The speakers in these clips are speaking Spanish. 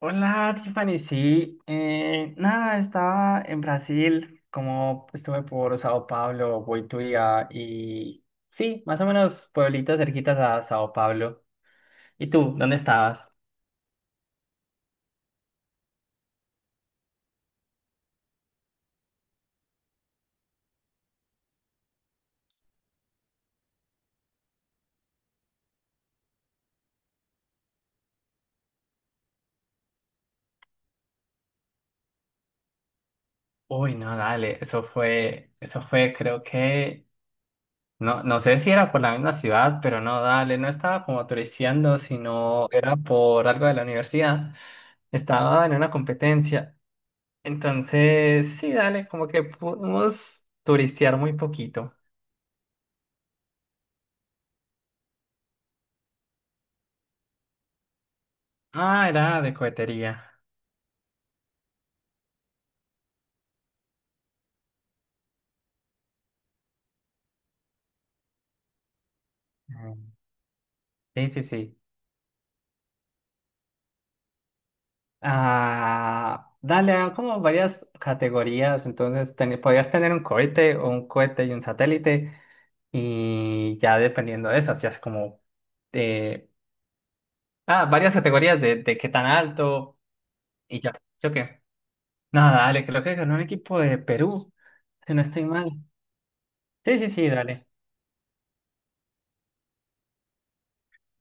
Hola, Tiffany. Sí, nada, estaba en Brasil, como estuve por Sao Paulo, Boituva y sí, más o menos pueblitos cerquitas a Sao Paulo. ¿Y tú, dónde estabas? Uy, no, dale, eso fue, creo que, no, no sé si era por la misma ciudad, pero no, dale, no estaba como turisteando, sino era por algo de la universidad. Estaba en una competencia. Entonces, sí, dale, como que pudimos turistear muy poquito. Ah, era de cohetería. Ah, sí, sí, sí. Ah, dale, ah, como varias categorías. Entonces, podías tener un cohete o un cohete y un satélite. Y ya dependiendo de eso, hacías como eh, ah, varias categorías de, qué tan alto y ya. ¿Sí o qué? Nada, dale, creo que ganó un equipo de Perú, si no estoy mal. Sí, sí, sí, dale.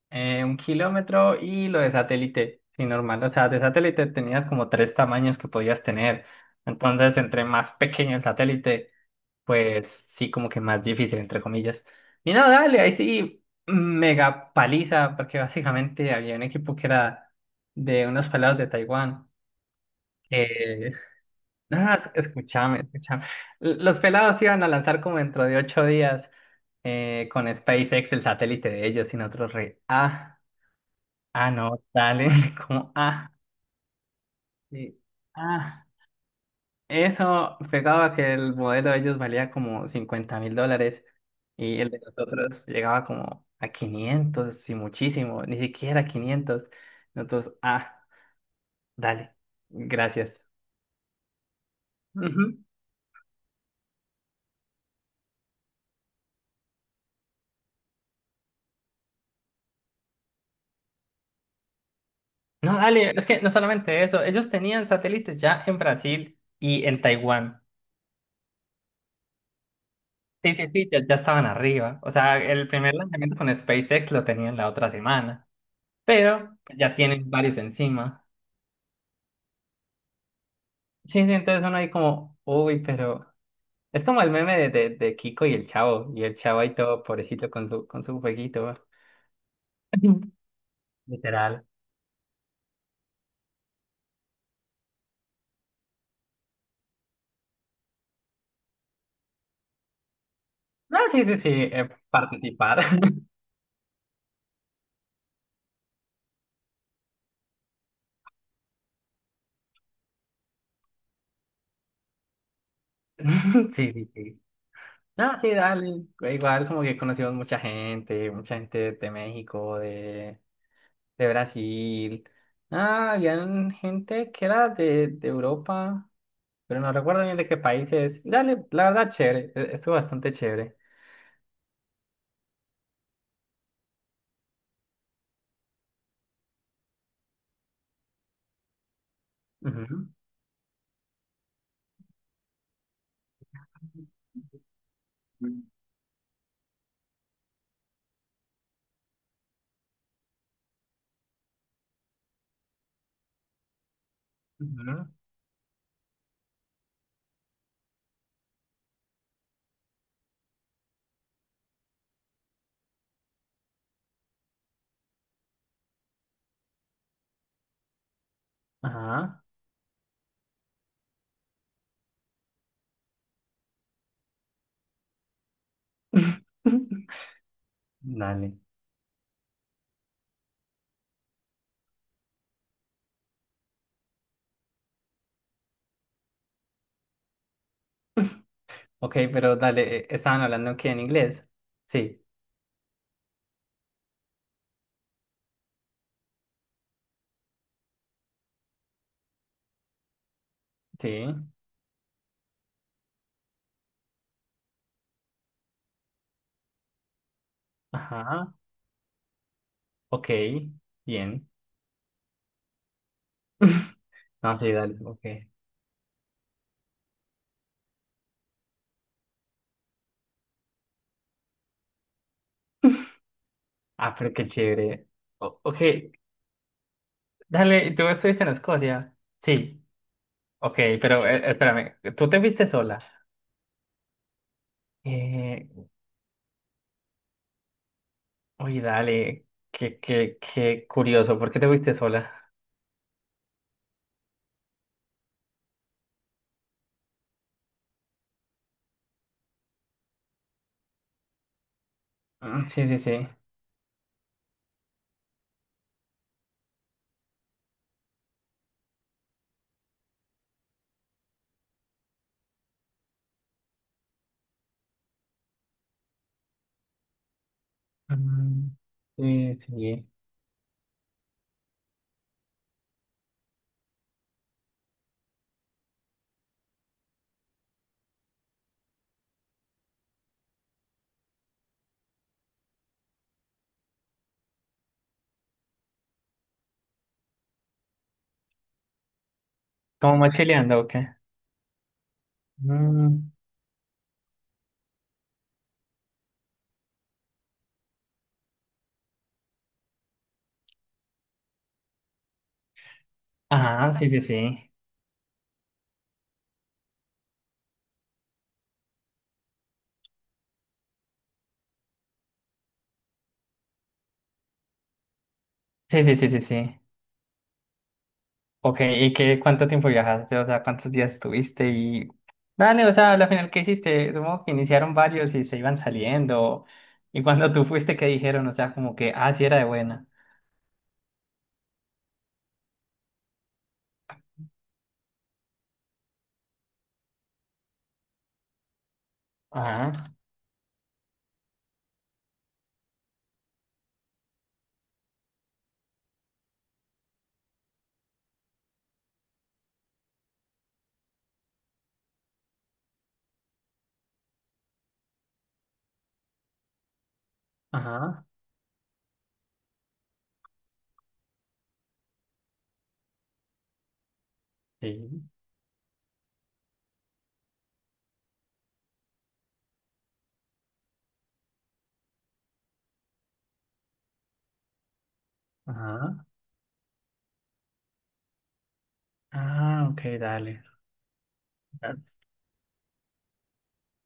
1 kilómetro y lo de satélite, sí, normal. O sea, de satélite tenías como tres tamaños que podías tener. Entonces, entre más pequeño el satélite, pues sí, como que más difícil, entre comillas. Y no, dale, ahí sí, mega paliza, porque básicamente había un equipo que era de unos pelados de Taiwán. Eh, nada, escúchame, escúchame. Los pelados iban a lanzar como dentro de 8 días con SpaceX el satélite de ellos y nosotros re. Ah. Ah, no, dale, como, ah, sí, ah, eso pegaba que el modelo de ellos valía como $50.000 y el de nosotros llegaba como a 500 y muchísimo, ni siquiera 500. Entonces, ah, dale, gracias. Ujú. No, dale, es que no solamente eso, ellos tenían satélites ya en Brasil y en Taiwán. Sí, sí, sí, ya, ya estaban arriba. O sea, el primer lanzamiento con SpaceX lo tenían la otra semana. Pero pues, ya tienen varios encima. Sí, sí, entonces uno ahí como, uy, pero es como el meme de, Kiko y el chavo ahí todo pobrecito con su, jueguito. Literal. No, sí, sí, sí, participar. Sí, sí, sí. No, sí, dale. Igual como que conocimos mucha gente de México, de, Brasil. Ah, habían gente que era de, Europa, pero no recuerdo bien de qué países. Y dale, la verdad, chévere. Estuvo bastante chévere. Ujú, ujú, ajá. Dale. Ok, pero dale, estaban hablando que en inglés. Sí, sí. Ajá. Ok, bien. No, sí, dale, ok. Ah, pero qué chévere. Ok, dale, ¿y tú estuviste en Escocia? Sí, ok, pero espérame, ¿tú te fuiste sola? Eh, oye, dale, qué, qué curioso, ¿por qué te fuiste sola? Ah, sí, sí, sí. Mm, sí, sí. ¿Como mochileando o qué? Mm, ah, sí, sí, sí. Sí, sí, sí, sí, sí. Ok, ¿y qué, cuánto tiempo viajaste? O sea, ¿cuántos días estuviste? Y dale, o sea, al final, ¿qué hiciste? Supongo que iniciaron varios y se iban saliendo. Y cuando tú fuiste, ¿qué dijeron? O sea, como que, ah, sí era de buena. Ajá, ajá, sí, ajá. Ah, ok, dale. Dale.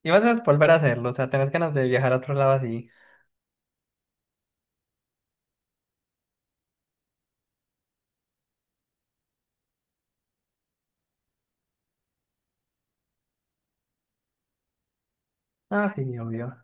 Y vas a volver a hacerlo, o sea, tenés ganas de viajar a otro lado así. Ah, sí, obvio.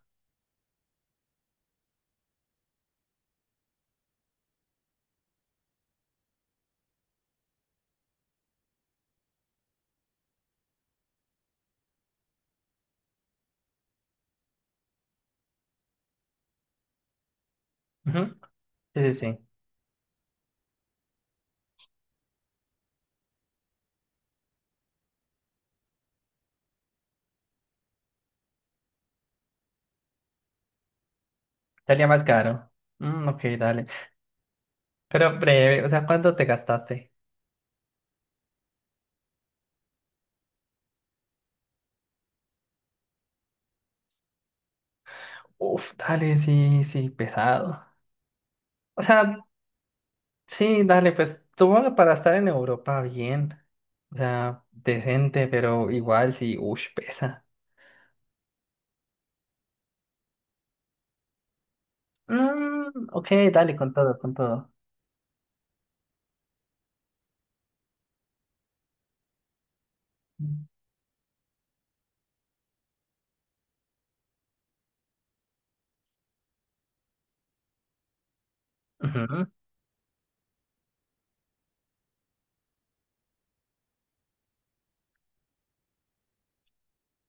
Ujú, sí, sí, sí. Salía más caro. Mm, ok, dale. Pero breve, o sea, ¿cuánto te gastaste? Uf, dale, sí, sí, pesado. O sea, sí, dale, pues supongo para estar en Europa bien. O sea, decente, pero igual sí, uff, pesa. Mm, ok, dale, con todo, con todo. Ujú.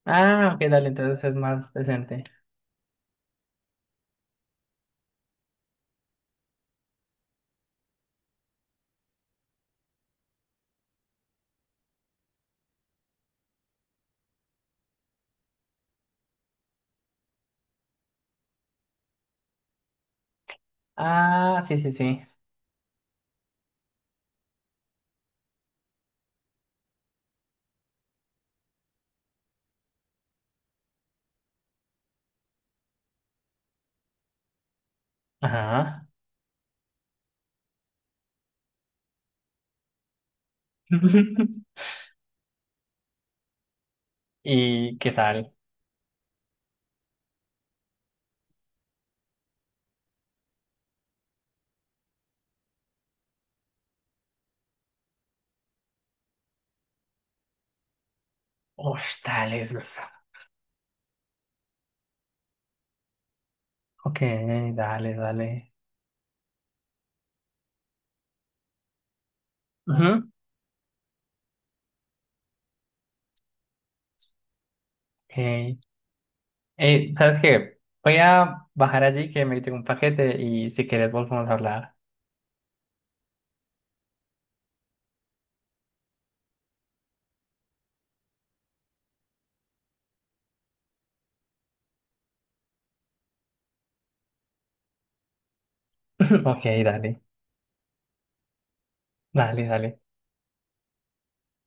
Ah, ok, dale, entonces es más decente. Ah, sí, sí, sí. Ajá. ¿Y qué tal? Uf, dale, eso es- Ok, dale, dale. Ujú. Ok. Ey, ¿sabes qué? Voy a bajar allí que me llegó un paquete y si quieres volvemos a hablar. Ok, dale, dale, dale.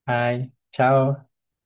Ay, chao.